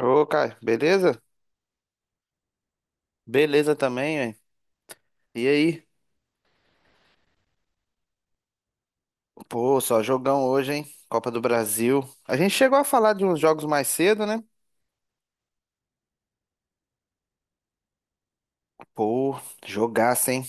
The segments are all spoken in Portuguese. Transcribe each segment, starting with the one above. Ô, Caio, beleza? Beleza também, hein? E aí? Pô, só jogão hoje, hein? Copa do Brasil. A gente chegou a falar de uns jogos mais cedo, né? Pô, jogaço, hein?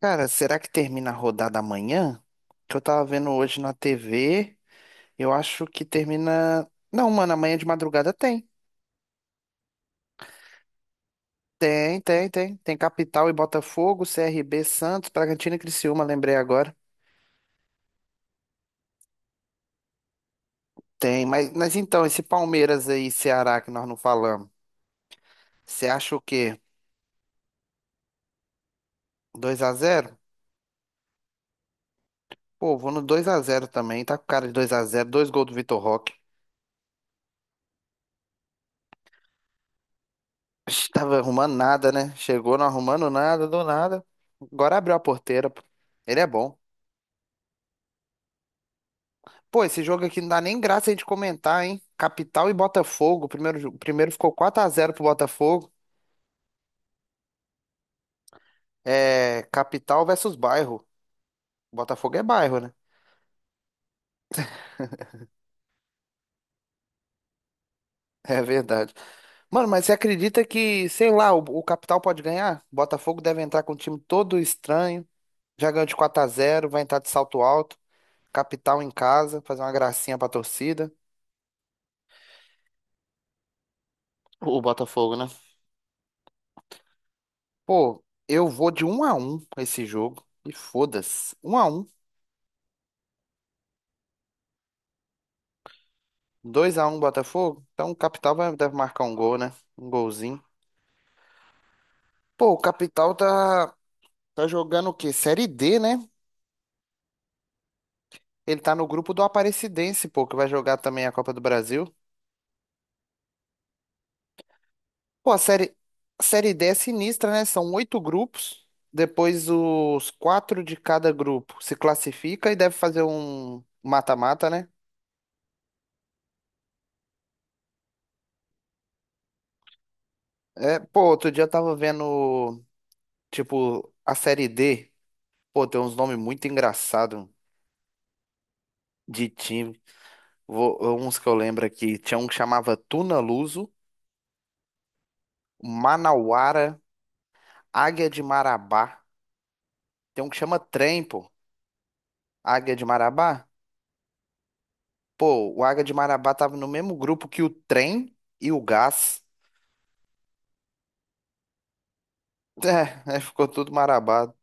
Cara, será que termina a rodada amanhã? Que eu tava vendo hoje na TV. Eu acho que termina. Não, mano, amanhã de madrugada tem. Tem, tem, tem. Tem Capital e Botafogo, CRB, Santos, Bragantino e Criciúma, lembrei agora. Tem, mas então, esse Palmeiras aí, Ceará, que nós não falamos. Você acha o quê? Dois a zero. Pô, vou no dois a zero também. Tá com cara de dois a zero. Dois gols do Vitor Roque. Ixi, tava arrumando nada, né? Chegou não arrumando nada, do nada. Agora abriu a porteira, pô. Ele é bom. Pô, esse jogo aqui não dá nem graça a gente comentar, hein? Capital e Botafogo. O primeiro, o primeiro ficou quatro a zero pro Botafogo. É. Capital versus bairro. Botafogo é bairro, né? É verdade. Mano, mas você acredita que, sei lá, o Capital pode ganhar? Botafogo deve entrar com um time todo estranho. Já ganhou de quatro a zero, vai entrar de salto alto, capital em casa, fazer uma gracinha pra torcida. O Botafogo, né? Pô, eu vou de um a um esse jogo. E foda-se. 1-1. 2-1 Botafogo. Então o Capital vai, deve marcar um gol, né? Um golzinho. Pô, o Capital tá, tá jogando o quê? Série D, né? Ele tá no grupo do Aparecidense, pô, que vai jogar também a Copa do Brasil. Pô, a série D é sinistra, né? São oito grupos. Depois os quatro de cada grupo se classifica e deve fazer um mata-mata, né? É, pô, outro dia eu tava vendo, tipo, a série D. Pô, tem uns nomes muito engraçados de time. Vou, uns que eu lembro aqui. Tinha um que chamava Tuna Luso, Manauara, Águia de Marabá. Tem um que chama Trem, pô. Águia de Marabá? Pô, o Águia de Marabá tava no mesmo grupo que o Trem e o Gás. É, aí ficou tudo marabado.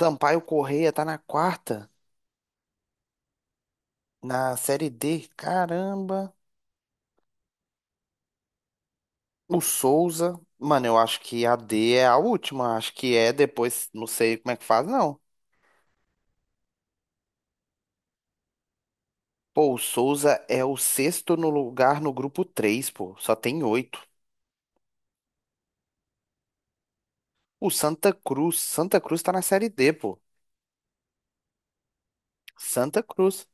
Sampaio Correia tá na quarta, na Série D. Caramba. O Souza. Mano, eu acho que a D é a última. Acho que é depois. Não sei como é que faz, não. Pô, o Souza é o sexto no lugar no grupo três, pô. Só tem oito. O Santa Cruz. Santa Cruz tá na Série D, pô. Santa Cruz.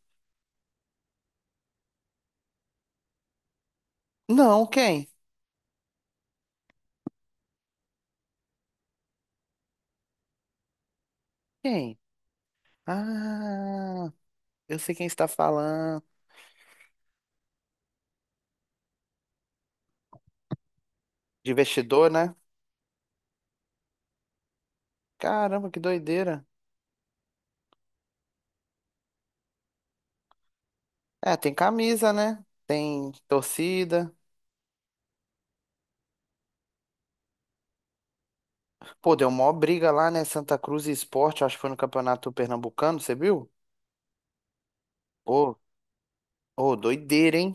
Não, quem? Quem? Ah. Eu sei quem está falando. De vestidor, né? Caramba, que doideira. É, tem camisa, né? Tem torcida. Pô, deu mó briga lá, né? Santa Cruz e Sport, acho que foi no Campeonato Pernambucano, você viu? Pô, ô, doideira, hein?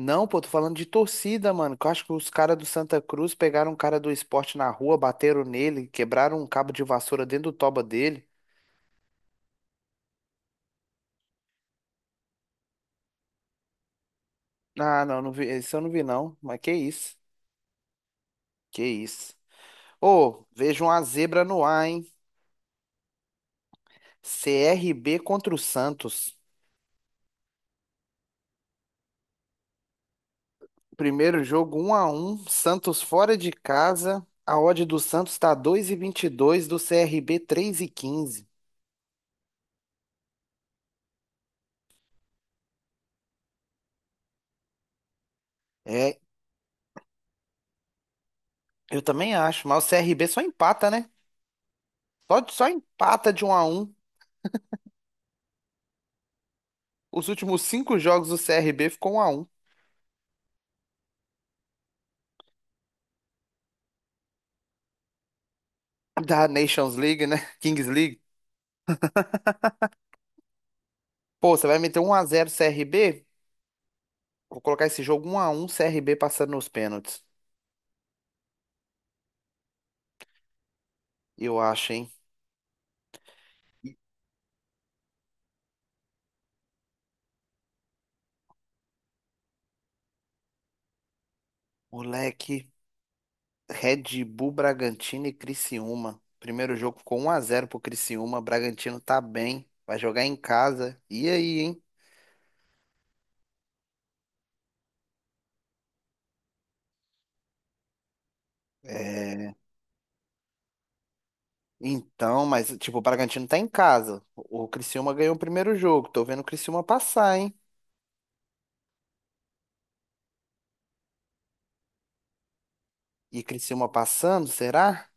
Não, pô, tô falando de torcida, mano. Que eu acho que os caras do Santa Cruz pegaram um cara do Sport na rua, bateram nele, quebraram um cabo de vassoura dentro do toba dele. Ah, não, não vi, isso eu não vi, não. Mas que isso? Que isso? Ô, vejo uma zebra no ar, hein? CRB contra o Santos. Primeiro jogo um a um, Santos fora de casa. A odd do Santos tá dois e vinte e dois, do CRB quinze. É, eu também acho, mas o CRB só empata, né? Só empata de um a um. Os últimos cinco jogos do CRB ficou um a um. Da Nations League, né? Kings League. Pô, você vai meter um a 0 CRB? Vou colocar esse jogo um a 1, CRB passando nos pênaltis. Eu acho, hein? Moleque, Red Bull Bragantino e Criciúma. Primeiro jogo ficou 1 a 0 pro Criciúma. Bragantino tá bem. Vai jogar em casa. E aí, hein? É, então, mas tipo, o Bragantino tá em casa. O Criciúma ganhou o primeiro jogo. Tô vendo o Criciúma passar, hein? E Criciúma passando, será?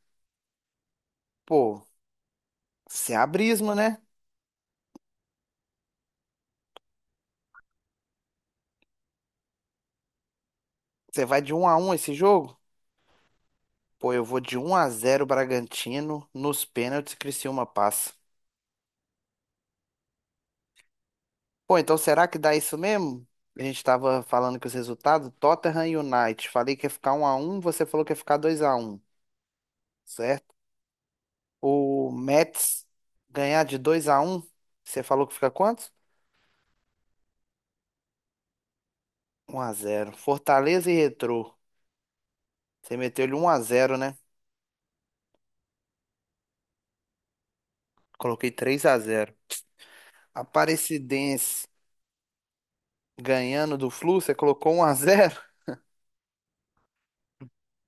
Pô, se abrismo, né? Você vai de 1 a 1 esse jogo? Pô, eu vou de 1 a 0 Bragantino nos pênaltis, Criciúma passa. Pô, então será que dá isso mesmo? A gente tava falando que os resultados, Tottenham e United, falei que ia ficar um a um, você falou que ia ficar dois a um, certo? O Mets ganhar de dois a um, você falou que fica quanto? Um a zero. Fortaleza e Retrô, você meteu ele um a zero, né? Coloquei três a zero. Aparecidense ganhando do Flu, você colocou um a zero.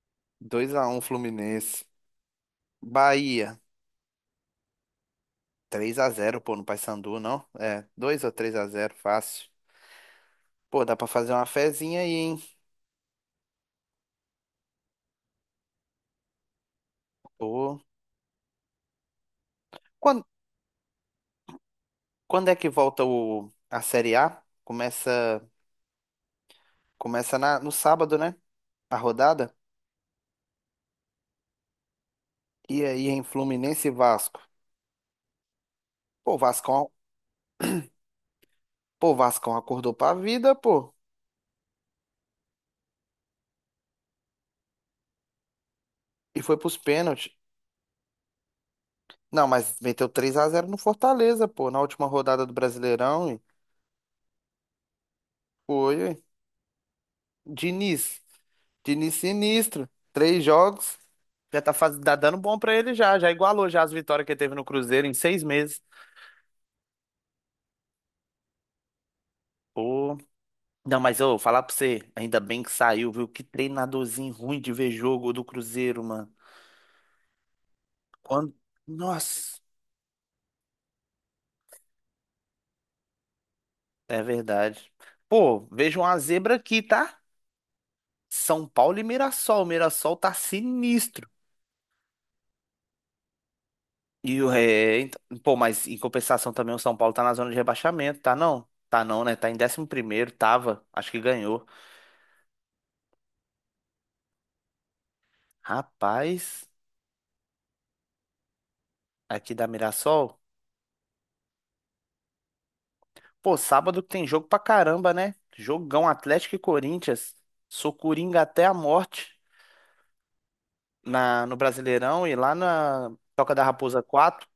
Dois a um Fluminense. Bahia, três a zero, pô, no Paysandu, não? É, 2 ou três a zero fácil. Pô, dá pra fazer uma fezinha aí, hein? Pô. Quando, quando é que volta o, a Série A? Começa na, no sábado, né? A rodada. E aí em Fluminense e Vasco. Pô, o Vascão, pô, o Vascão acordou pra vida, pô. E foi pros pênaltis. Não, mas meteu três a zero no Fortaleza, pô. Na última rodada do Brasileirão. E foi, ué. Diniz. Diniz sinistro. Três jogos. Já tá, faz, tá dando bom pra ele já. Já igualou já as vitórias que ele teve no Cruzeiro em seis meses. Pô. Não, mas eu vou falar pra você, ainda bem que saiu, viu? Que treinadorzinho ruim de ver jogo do Cruzeiro, mano. Quando. Nossa, é verdade. Pô, vejo uma zebra aqui, tá? São Paulo e Mirassol. O Mirassol tá sinistro. E o é, ent- pô, mas em compensação também o São Paulo tá na zona de rebaixamento, tá não? Tá não, né? Tá em décimo primeiro, tava, acho que ganhou. Rapaz, aqui da Mirassol. Pô, sábado tem jogo pra caramba, né? Jogão Atlético e Corinthians. Sou coringa até a morte na, no Brasileirão e lá na Toca da Raposa 4.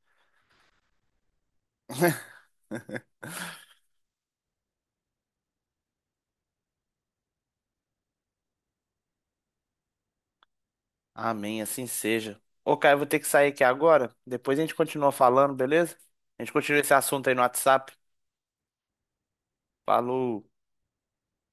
Amém, assim seja. Ô, Caio, eu vou ter que sair aqui agora. Depois a gente continua falando, beleza? A gente continua esse assunto aí no WhatsApp. Falou.